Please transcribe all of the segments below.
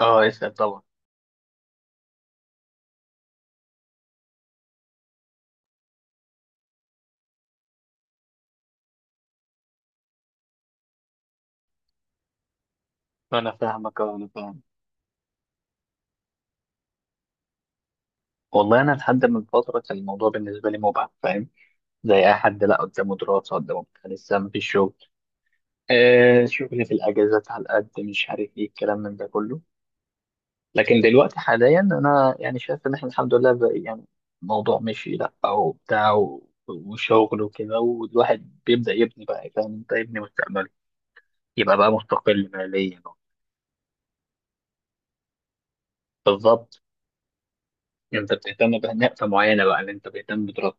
اه، اسأل طبعا. انا فاهمك، اه انا فاهم. والله انا لحد من فتره كان الموضوع بالنسبه لي مبعد فاهم، زي اي حد لا قدامه دراسه قدامه بتاع لسه ما فيش شغل. آه شغل في الاجازات على قد مش عارف ايه الكلام من ده كله. لكن دلوقتي حاليا انا يعني شايف ان احنا الحمد لله بقى يعني الموضوع مشي لا او بتاع وشغل وكده، والواحد بيبدا يبني بقى، فاهم انت، يبني مستقبله، يبقى بقى مستقل ماليا. بالظبط، انت بتهتم بنقطه معينه بقى، اللي انت بتهتم بدراستك.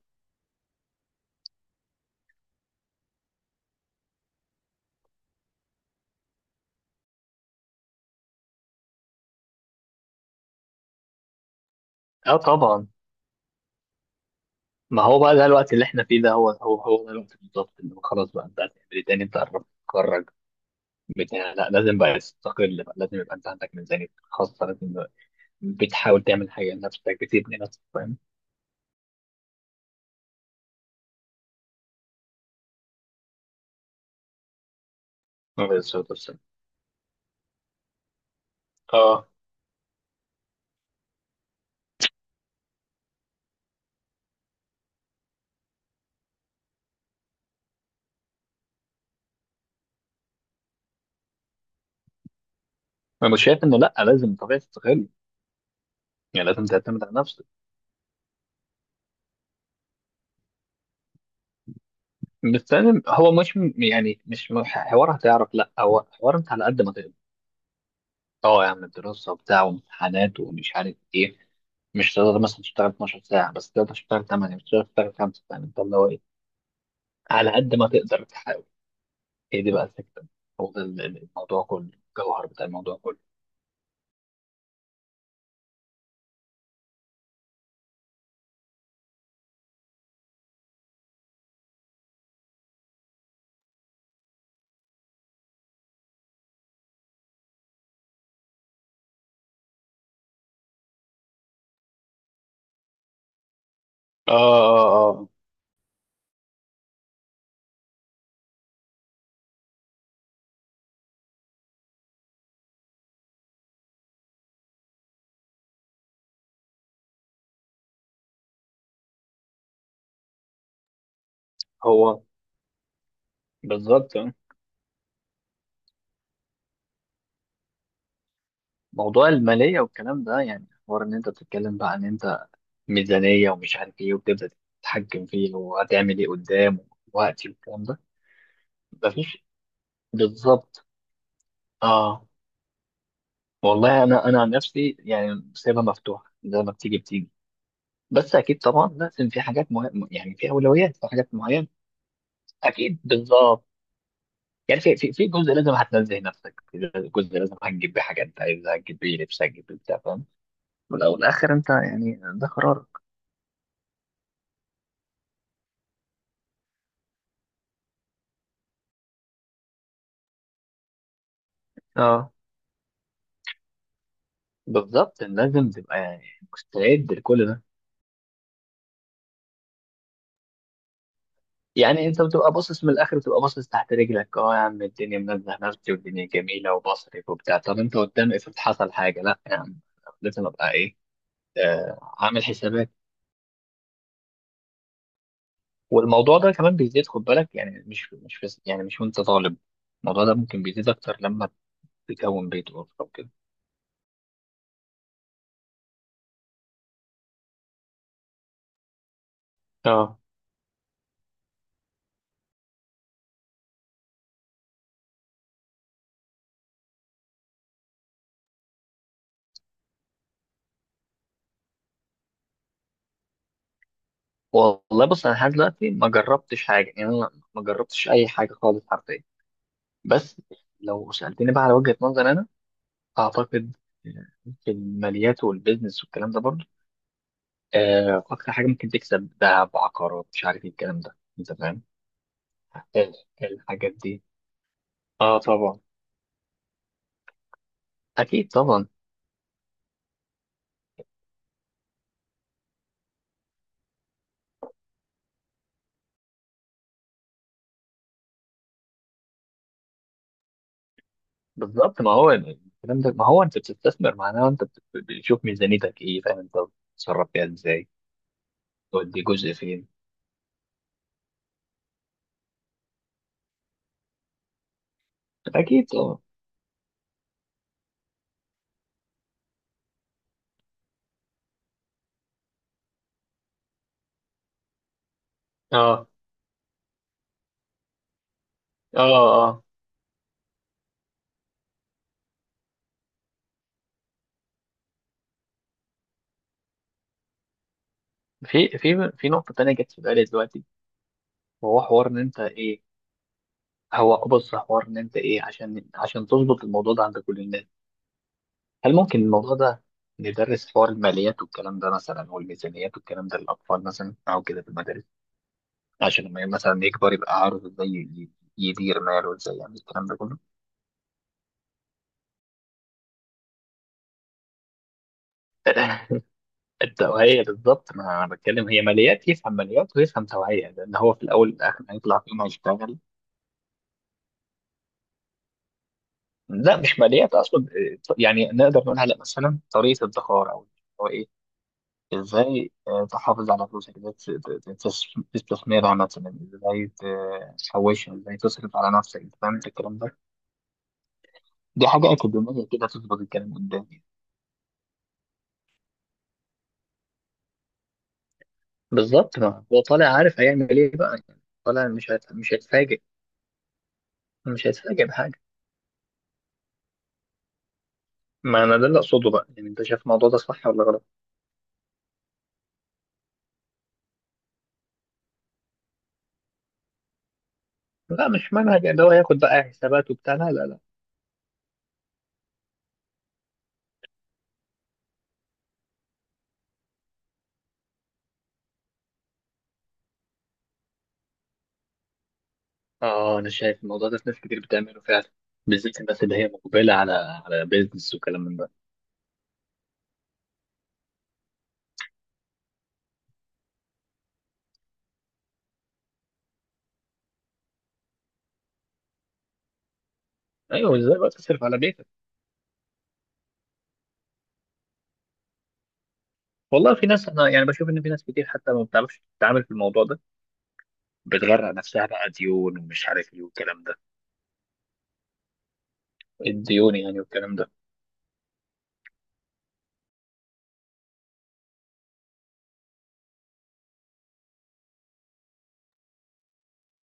اه طبعا. ما هو بقى ده الوقت اللي احنا فيه، ده هو ده الوقت بالظبط اللي هو خلاص بقى انت هتعمل ايه تاني، انت قربت تتخرج. بتاع لا، لازم بقى تستقل، بقى لازم يبقى انت عندك ميزانية خاصة، لازم بقى بتحاول تعمل حاجة لنفسك، بتبني نفسك، فاهم؟ عليه الصلاة والسلام. اه، انا مش شايف انه لا، لازم طبيعي تستقل، يعني لازم تعتمد على نفسك. بس لازم، هو مش يعني مش حوار هتعرف لا، هو حوار انت على قد ما تقدر. اه يا عم دراسة وبتاع وامتحانات ومش عارف ايه، مش تقدر مثلا تشتغل 12 ساعة، بس تقدر تشتغل 8، مش تقدر تشتغل 5، فاهم انت اللي هو ايه، على قد ما تقدر تحاول. هي دي بقى الفكرة. هو ده الموضوع كله، الجوهر بتاع الموضوع كله. اه اه هو بالظبط اه. موضوع المالية والكلام ده يعني حوار ان انت بتتكلم بقى ان انت ميزانية ومش عارف ايه، وبتبدأ تتحكم فيه وهتعمل ايه قدام ووقتي والكلام ده. مفيش، بالظبط. اه، والله انا عن نفسي يعني سايبها مفتوحه زي ما بتيجي بتيجي. بس اكيد طبعا لازم، في حاجات مهمه يعني، في اولويات، في حاجات معينه. اكيد بالظبط. يعني في في جزء لازم هتنزه نفسك، في جزء لازم هتجيب بيه حاجه انت عايزها، هتجيب بيه لبس، هتجيب بيه بتاع، فاهم. والاول والاخر انت يعني ده قرارك. اه، بالظبط، لازم تبقى يعني مستعد لكل ده. يعني انت بتبقى باصص من الاخر، بتبقى باصص تحت رجلك، اه يا عم الدنيا منزه نفسي والدنيا جميله وبصرف وبتاع، طب انت قدام افرض حصل حاجه، لا يا عم لازم ابقى ايه، آه، عامل حسابات. والموضوع ده كمان بيزيد، خد بالك، يعني مش مش بس يعني مش وانت طالب، الموضوع ده ممكن بيزيد اكتر لما تكون بيت واسره وكده. اه، والله بص انا لحد دلوقتي ما جربتش حاجه يعني، انا ما جربتش اي حاجه خالص حرفيا. بس لو سالتني بقى على وجهه نظر انا، اعتقد في الماليات والبيزنس والكلام ده برضه، آه، اكتر حاجه ممكن تكسب ذهب، عقارات، مش عارف ايه الكلام ده انت فاهم، آه، الحاجات دي. اه طبعا. اكيد طبعا. بالظبط، ما هو الكلام ده، ما هو انت بتستثمر، معناه انت بتشوف ميزانيتك ايه، فاهم انت بتتصرف فيها ازاي، تودي جزء فين. اكيد طبعا. اه اه اه، في في نقطة تانية جت في بالي دلوقتي، وهو حوار ان انت ايه، هو بص حوار ان انت ايه، عشان عشان تظبط الموضوع ده عند كل الناس، هل ممكن الموضوع ده ندرس حوار الماليات والكلام ده مثلا، والميزانيات والكلام ده، للاطفال مثلا او كده في المدارس، عشان لما مثلا يكبر يبقى عارف ازاي يدير ماله، وازاي يعمل الكلام ده كله. التوعية بالظبط، ما أنا بتكلم هي ماليات، يفهم ماليات ويفهم توعية، لأن هو في الأول والآخر هيطلع فيهم هيشتغل. لا مش ماليات أصلا إيه، يعني نقدر نقول على مثلا طريقة ادخار، أو هو إيه، إزاي آه، تحافظ على فلوسك، إزاي تستثمرها مثلا، إزاي تحوشها، إزاي تصرف على نفسك، فاهم أنت، فاهم الكلام ده. دي حاجة أكاديمية كده، تظبط الكلام قدامي. بالظبط، ما هو طالع عارف هيعمل إيه بقى، يعني طالع مش مش هيتفاجئ. مش هيتفاجئ بحاجة. ما انا ده اللي اقصده، بقى يعني انت شايف الموضوع ده صح ولا غلط؟ لا مش منهج اللي هو ياخد بقى حسابات وبتاع، لا لا لا. اه انا شايف الموضوع ده في ناس كتير بتعمله فعلا، بالذات الناس اللي هي مقبله على على بيزنس وكلام من ده. ايوه، ازاي بقى تصرف على بيتك. والله في ناس انا يعني بشوف ان في ناس كتير حتى ما بتعرفش تتعامل في الموضوع ده، بتغرق نفسها بقى ديون ومش عارف ايه والكلام ده، الديون يعني والكلام ده.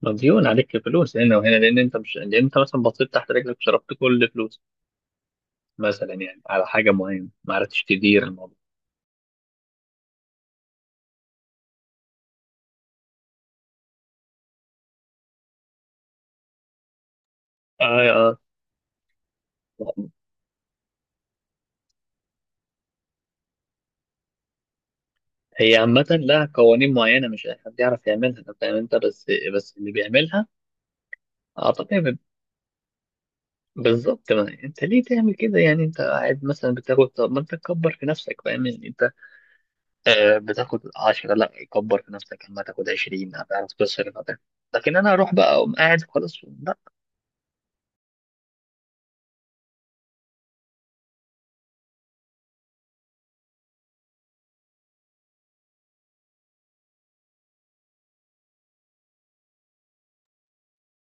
ما ديون عليك، فلوس هنا وهنا، لان انت مش لان انت مثلا بصيت تحت رجلك وصرفت كل فلوسك مثلا يعني على حاجه معينه، ما عرفتش تدير الموضوع. اه آه. هي عامة لها قوانين معينة، مش أي حد يعرف يعملها، أنت فاهم أنت، بس بس اللي بيعملها، أعتقد بالظبط، ما أنت ليه تعمل كده، يعني أنت قاعد مثلا بتاخد، طب ما أنت تكبر في نفسك، فاهم يعني أنت آه بتاخد 10، لا كبر في نفسك، أما تاخد 20 هتعرف تصرف، هتعرف. لكن أنا أروح بقى أقوم قاعد خلاص، لا.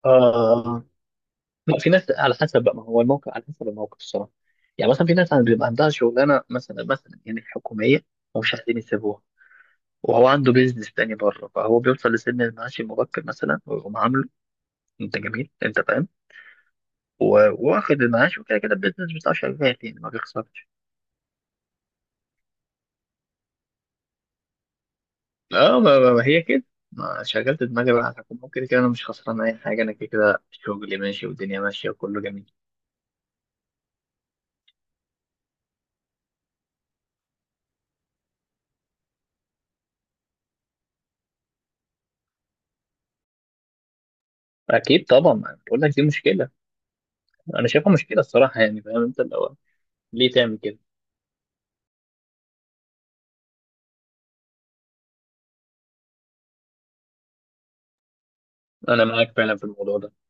آه لا، في ناس على حسب بقى، ما هو الموقف على حسب الموقف الصراحة، يعني مثلا في ناس بيبقى عندها شغلانة مثلا، مثلا يعني حكومية ومش عايزين يسيبوها، وهو عنده بيزنس تاني بره، فهو بيوصل لسن المعاش المبكر مثلا ويقوم عامله، انت جميل انت فاهم، وواخد المعاش، وكده كده البيزنس بتاعه شغال يعني ما بيخسرش. اه، ما ما هي كده، ما شغلت دماغي بقى على الحكومة، كده كده انا مش خسران اي حاجه، انا كده كده شغلي ماشي والدنيا ماشيه وكله جميل. اكيد طبعا، أنا بقول لك دي مشكله، انا شايفها مشكله الصراحه يعني، فاهم انت الاول ليه تعمل كده. انا معاك فعلا في الموضوع ده.